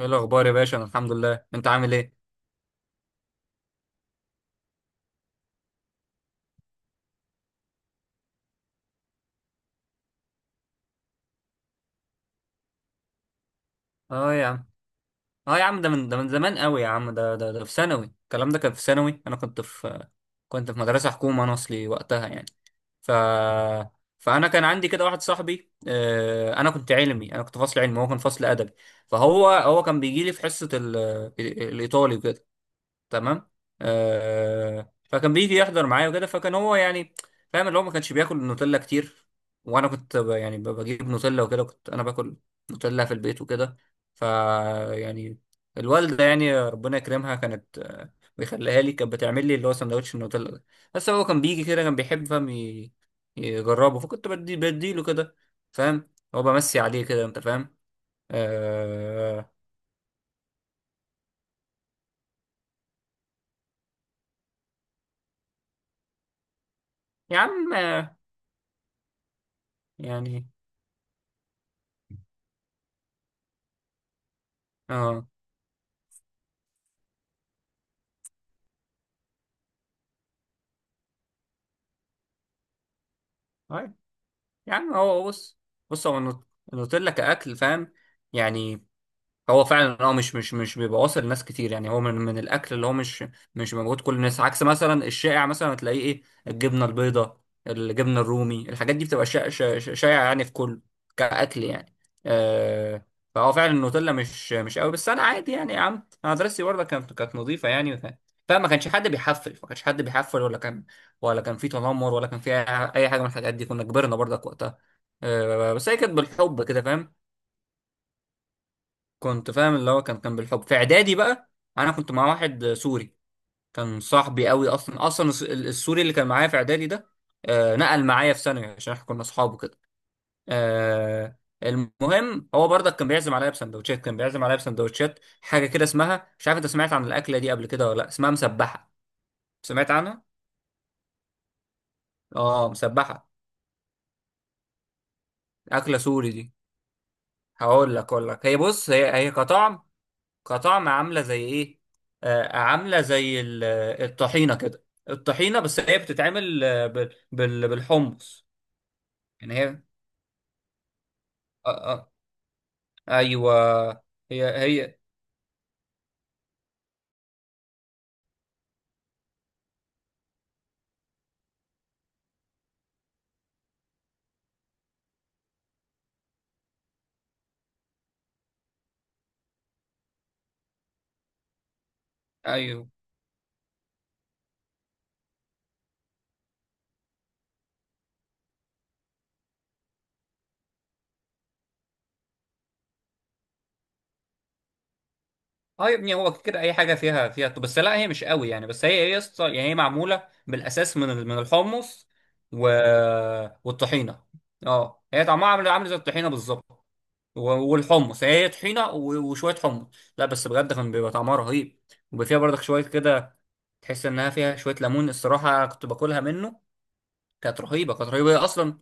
ايه الاخبار يا باشا؟ انا الحمد لله، انت عامل ايه؟ اه يا عم، اه يا عم، ده من زمان قوي يا عم، ده في ثانوي، الكلام ده كان في ثانوي. انا كنت في مدرسه حكومه انا اصلي وقتها يعني. ف فانا كان عندي كده واحد صاحبي، انا كنت علمي، انا كنت فصل علمي وهو كان فصل ادبي. فهو كان بيجي لي في حصه الايطالي وكده، تمام. آه، فكان بيجي يحضر معايا وكده، فكان هو يعني فاهم اللي هو ما كانش بياكل نوتيلا كتير، وانا كنت بجيب نوتيلا وكده، كنت انا باكل نوتيلا في البيت وكده. ف يعني الوالده يعني ربنا يكرمها كانت، بيخليها لي، كانت بتعمل لي اللي هو سندوتش النوتيلا ده. بس هو كان بيجي كده، كان بيحب فاهم يجربه، فكنت بدي بديله كده، فاهم، هو بمسي عليه كده، انت فاهم؟ آه يا عم، يعني اه يا عم، هو بص، بص هو النوتيلا كأكل، فاهم يعني، هو فعلا اه مش بيبقى واصل لناس كتير يعني، هو من الاكل اللي هو مش مش موجود كل الناس، عكس مثلا الشائع مثلا هتلاقيه ايه، الجبنه البيضاء، الجبنه الرومي، الحاجات دي بتبقى شائعه يعني في كل كاكل يعني. آه، فهو فعلا النوتيلا مش مش قوي، بس انا عادي يعني يا عم، انا مدرستي برضه كانت نظيفه يعني، فما كانش حد بيحفل، ما كانش حد بيحفل ولا كان ولا كان في تنمر ولا كان في أي حاجه من الحاجات دي. كنا كبرنا برضك وقتها، آه، بس هي كانت بالحب كده، فاهم؟ كنت فاهم اللي هو كان بالحب. في اعدادي بقى انا كنت مع واحد سوري، كان صاحبي قوي اصلا، اصلا السوري اللي كان معايا في اعدادي ده، آه، نقل معايا في ثانوي عشان احنا كنا اصحاب وكده. آه، المهم هو برضك كان بيعزم عليا بسندوتشات، كان بيعزم عليا بسندوتشات حاجه كده اسمها، مش عارف انت سمعت عن الاكله دي قبل كده ولا لا، اسمها مسبحه، سمعت عنها؟ اه مسبحه، اكله سوري دي. هقول لك اقول لك هي، بص هي، هي كطعم، كطعم عامله زي ايه، آه عامله زي الطحينه كده، الطحينه بس هي بتتعمل، بالحمص، يعني هي، آه، آه، ايوه، هي هي، ايوه. اه يا ابني، هو كده اي حاجه فيها بس، لا هي مش قوي يعني، بس هي هي يعني هي معموله بالاساس من من الحمص و... والطحينه. اه هي طعمها عامل زي الطحينه بالظبط، و- والحمص، هي هي طحينه وشويه حمص، لا بس بجد كان بيبقى طعمها رهيب، وبيبقى فيها برضك شويه كده تحس انها فيها شويه ليمون، الصراحه كنت باكلها منه، كانت رهيبه، كانت رهيبه. هي اصلا،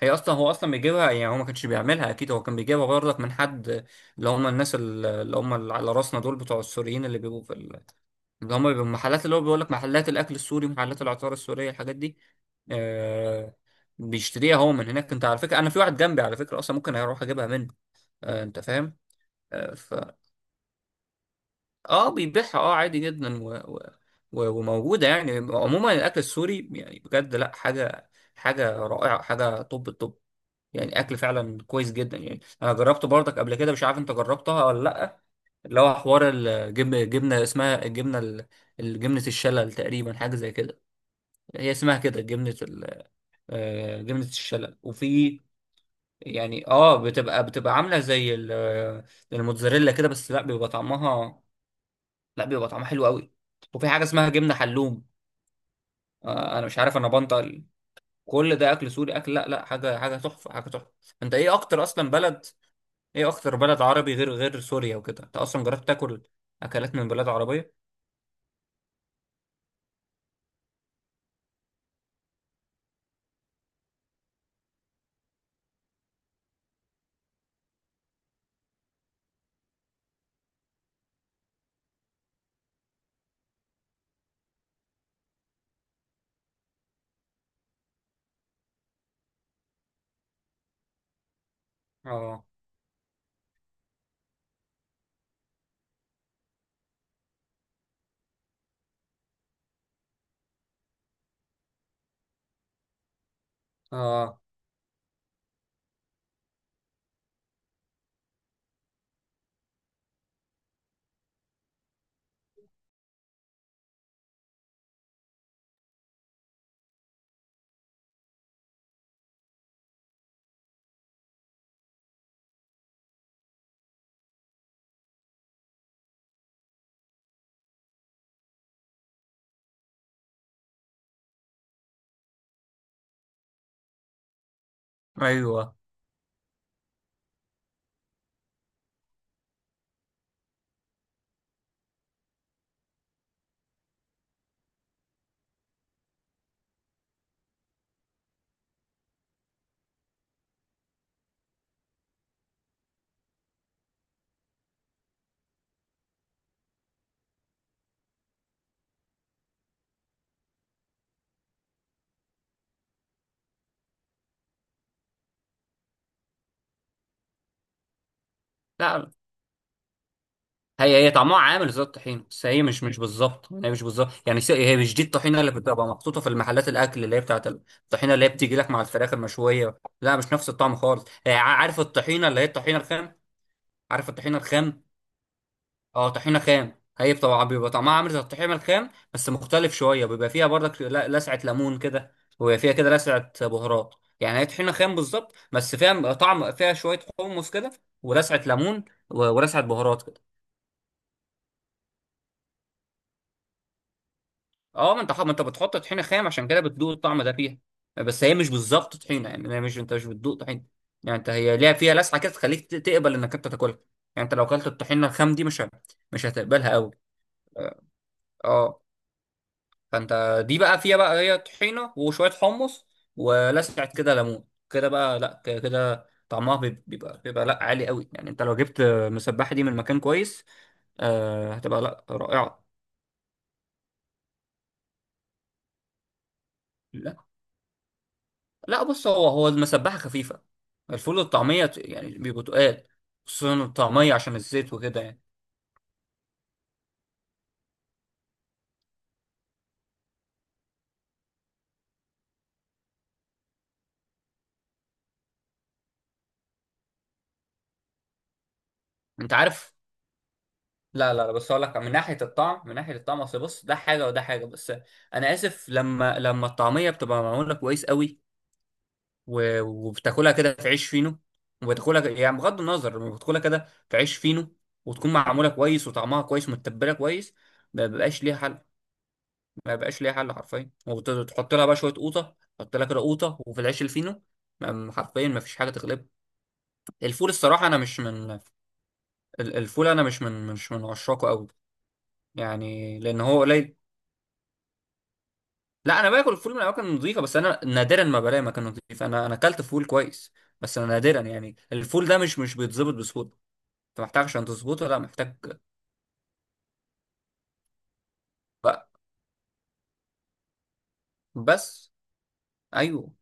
هي اصلا هو اصلا بيجيبها يعني، هو ما كانش بيعملها اكيد، هو كان بيجيبها برضك من حد، اللي هم الناس اللي هم اللي على راسنا دول، بتوع السوريين اللي بيبقوا في اللي هم بيبقوا محلات، اللي هو بيقول لك محلات الاكل السوري، محلات العطار السوريه، الحاجات دي، آه، بيشتريها هو من هناك. انت على فكره انا في واحد جنبي على فكره اصلا، ممكن اروح اجيبها منه، آه، انت فاهم. آه ف اه بيبيعها، اه عادي جدا و... و... وموجودة يعني. عموما الأكل السوري يعني بجد لا حاجة، حاجة رائعة، حاجة طب الطب، يعني أكل فعلا كويس جدا. يعني أنا جربته برضك قبل كده، مش عارف أنت جربتها ولا لأ، اللي هو حوار الجبن، جبنة اسمها الجبنة الجبنة الشلل تقريبا، حاجة زي كده، هي اسمها كده جبنة ال... آه، جبنة الشلل. وفي يعني اه بتبقى عاملة زي الموتزاريلا كده، بس لا بيبقى طعمها حلو قوي، وفي حاجه اسمها جبنه حلوم، آه انا مش عارف انا بنطق. كل ده اكل سوري، لا لا، حاجه، حاجه تحفه، حاجه تحفه. انت ايه اكتر اصلا بلد ايه اكتر بلد عربي غير غير سوريا وكده، انت اصلا جربت تاكل اكلات من بلاد عربيه؟ اه، اه، ايوه. لا هي هي طعمها عامل زي الطحين، بس هي مش مش بالظبط، هي مش بالظبط يعني، هي مش دي الطحينه اللي بتبقى محطوطه في المحلات، الاكل اللي هي بتاعت الطحينه اللي هي بتيجي لك مع الفراخ المشويه، لا مش نفس الطعم خالص، هي عارف الطحينه اللي هي الطحينه الخام، عارف الطحينة الخام؟ اه طحينة خام، هي طبعا بيبقى طعمها عامل زي الطحينة الخام بس مختلف شوية، بيبقى فيها برضك لسعة ليمون كده، وبيبقى فيها كده لسعة بهارات، يعني هي طحينة خام بالظبط، بس فيها طعم، فيها شوية حمص كده ولسعة ليمون، ولسعة بهارات كده. اه، ما انت بتحط طحينة خام، عشان كده بتدوق الطعم ده فيها، بس هي مش بالظبط طحينة يعني، هي مش، انت مش بتدوق طحينة يعني، انت هي ليها فيها لسعة كده تخليك تقبل انك انت تاكلها، يعني انت لو اكلت الطحينة الخام دي مش هتقبلها قوي. اه، آه. فانت دي بقى فيها بقى، هي طحينه وشويه حمص ولسعه كده ليمون كده بقى، لا كده طعمها بيبقى لا عالي قوي، يعني انت لو جبت مسبحه دي من مكان كويس، آه هتبقى لا رائعه. لا لا، بص هو، هو المسبحه خفيفه، الفول والطعميه يعني بيبقوا تقال، خصوصا الطعميه عشان الزيت وكده يعني، انت عارف. لا لا لا، بس اقول لك من ناحيه الطعم، من ناحيه الطعم، اصل بص ده حاجه وده حاجه، بس انا اسف، لما الطعميه بتبقى معموله كويس قوي، وبتاكلها كده في عيش فينو، وبتاكلها يعني بغض النظر بتاكلها كده في عيش فينو، وتكون معموله كويس وطعمها كويس، متبله كويس، ما بيبقاش ليها حل، ما بيبقاش ليها حل حرفيا، وتحط لها بقى شويه قوطه، تحط لها كده قوطه وفي العيش الفينو، حرفيا ما فيش حاجه تغلبها. الفول الصراحه انا مش من الفول انا مش من، مش من عشاقه قوي، يعني لان هو قليل. لا انا باكل الفول من اماكن نظيفه، بس انا نادرا ما بلاقي مكان نظيف، انا اكلت فول كويس، بس انا نادرا يعني، الفول ده مش مش بيتظبط بسهوله، انت محتاج عشان تظبطه لا محتاج بقى بس، ايوه.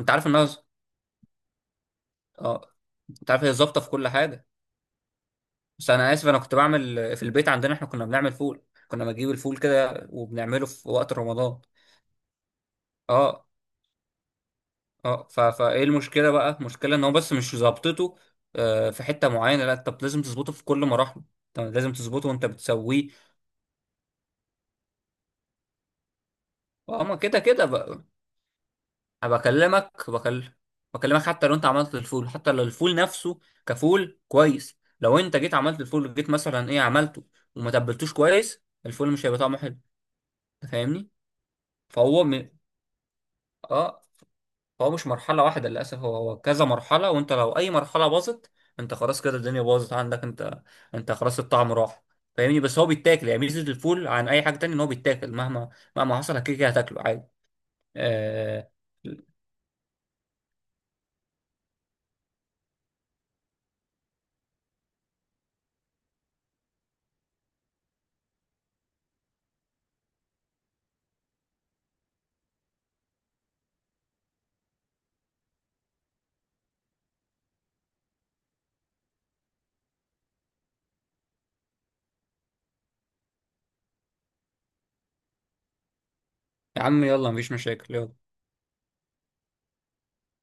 انت عارف ان أنا، اه انت عارف، هي ظابطه في كل حاجه. بس انا اسف، انا كنت بعمل في البيت، عندنا احنا كنا بنعمل فول، كنا بنجيب الفول كده وبنعمله في وقت رمضان، اه، اه. ف... فايه المشكله بقى؟ المشكله ان هو بس مش ظابطته، آه، في حته معينه، لا انت لازم تظبطه في كل مراحله، انت لازم تظبطه وانت بتسويه، اه ما كده كده. أنا بكلمك بكل بكلمك حتى لو انت عملت الفول، حتى لو الفول نفسه كفول كويس، لو انت جيت عملت الفول جيت مثلا ايه عملته وما تبلتوش كويس، الفول مش هيبقى طعمه حلو. أنت فاهمني؟ فهو م... اه فهو مش مرحله واحده للاسف، هو هو كذا مرحله، وانت لو اي مرحله باظت، انت خلاص كده، الدنيا باظت عندك انت، انت خلاص الطعم راح، فاهمني؟ بس هو بيتاكل يعني، ميزه الفول عن اي حاجه تانية ان هو بيتاكل، مهما حصل كده كده هتاكله عادي. آه... يا عم يلا، مفيش مشاكل، يلا.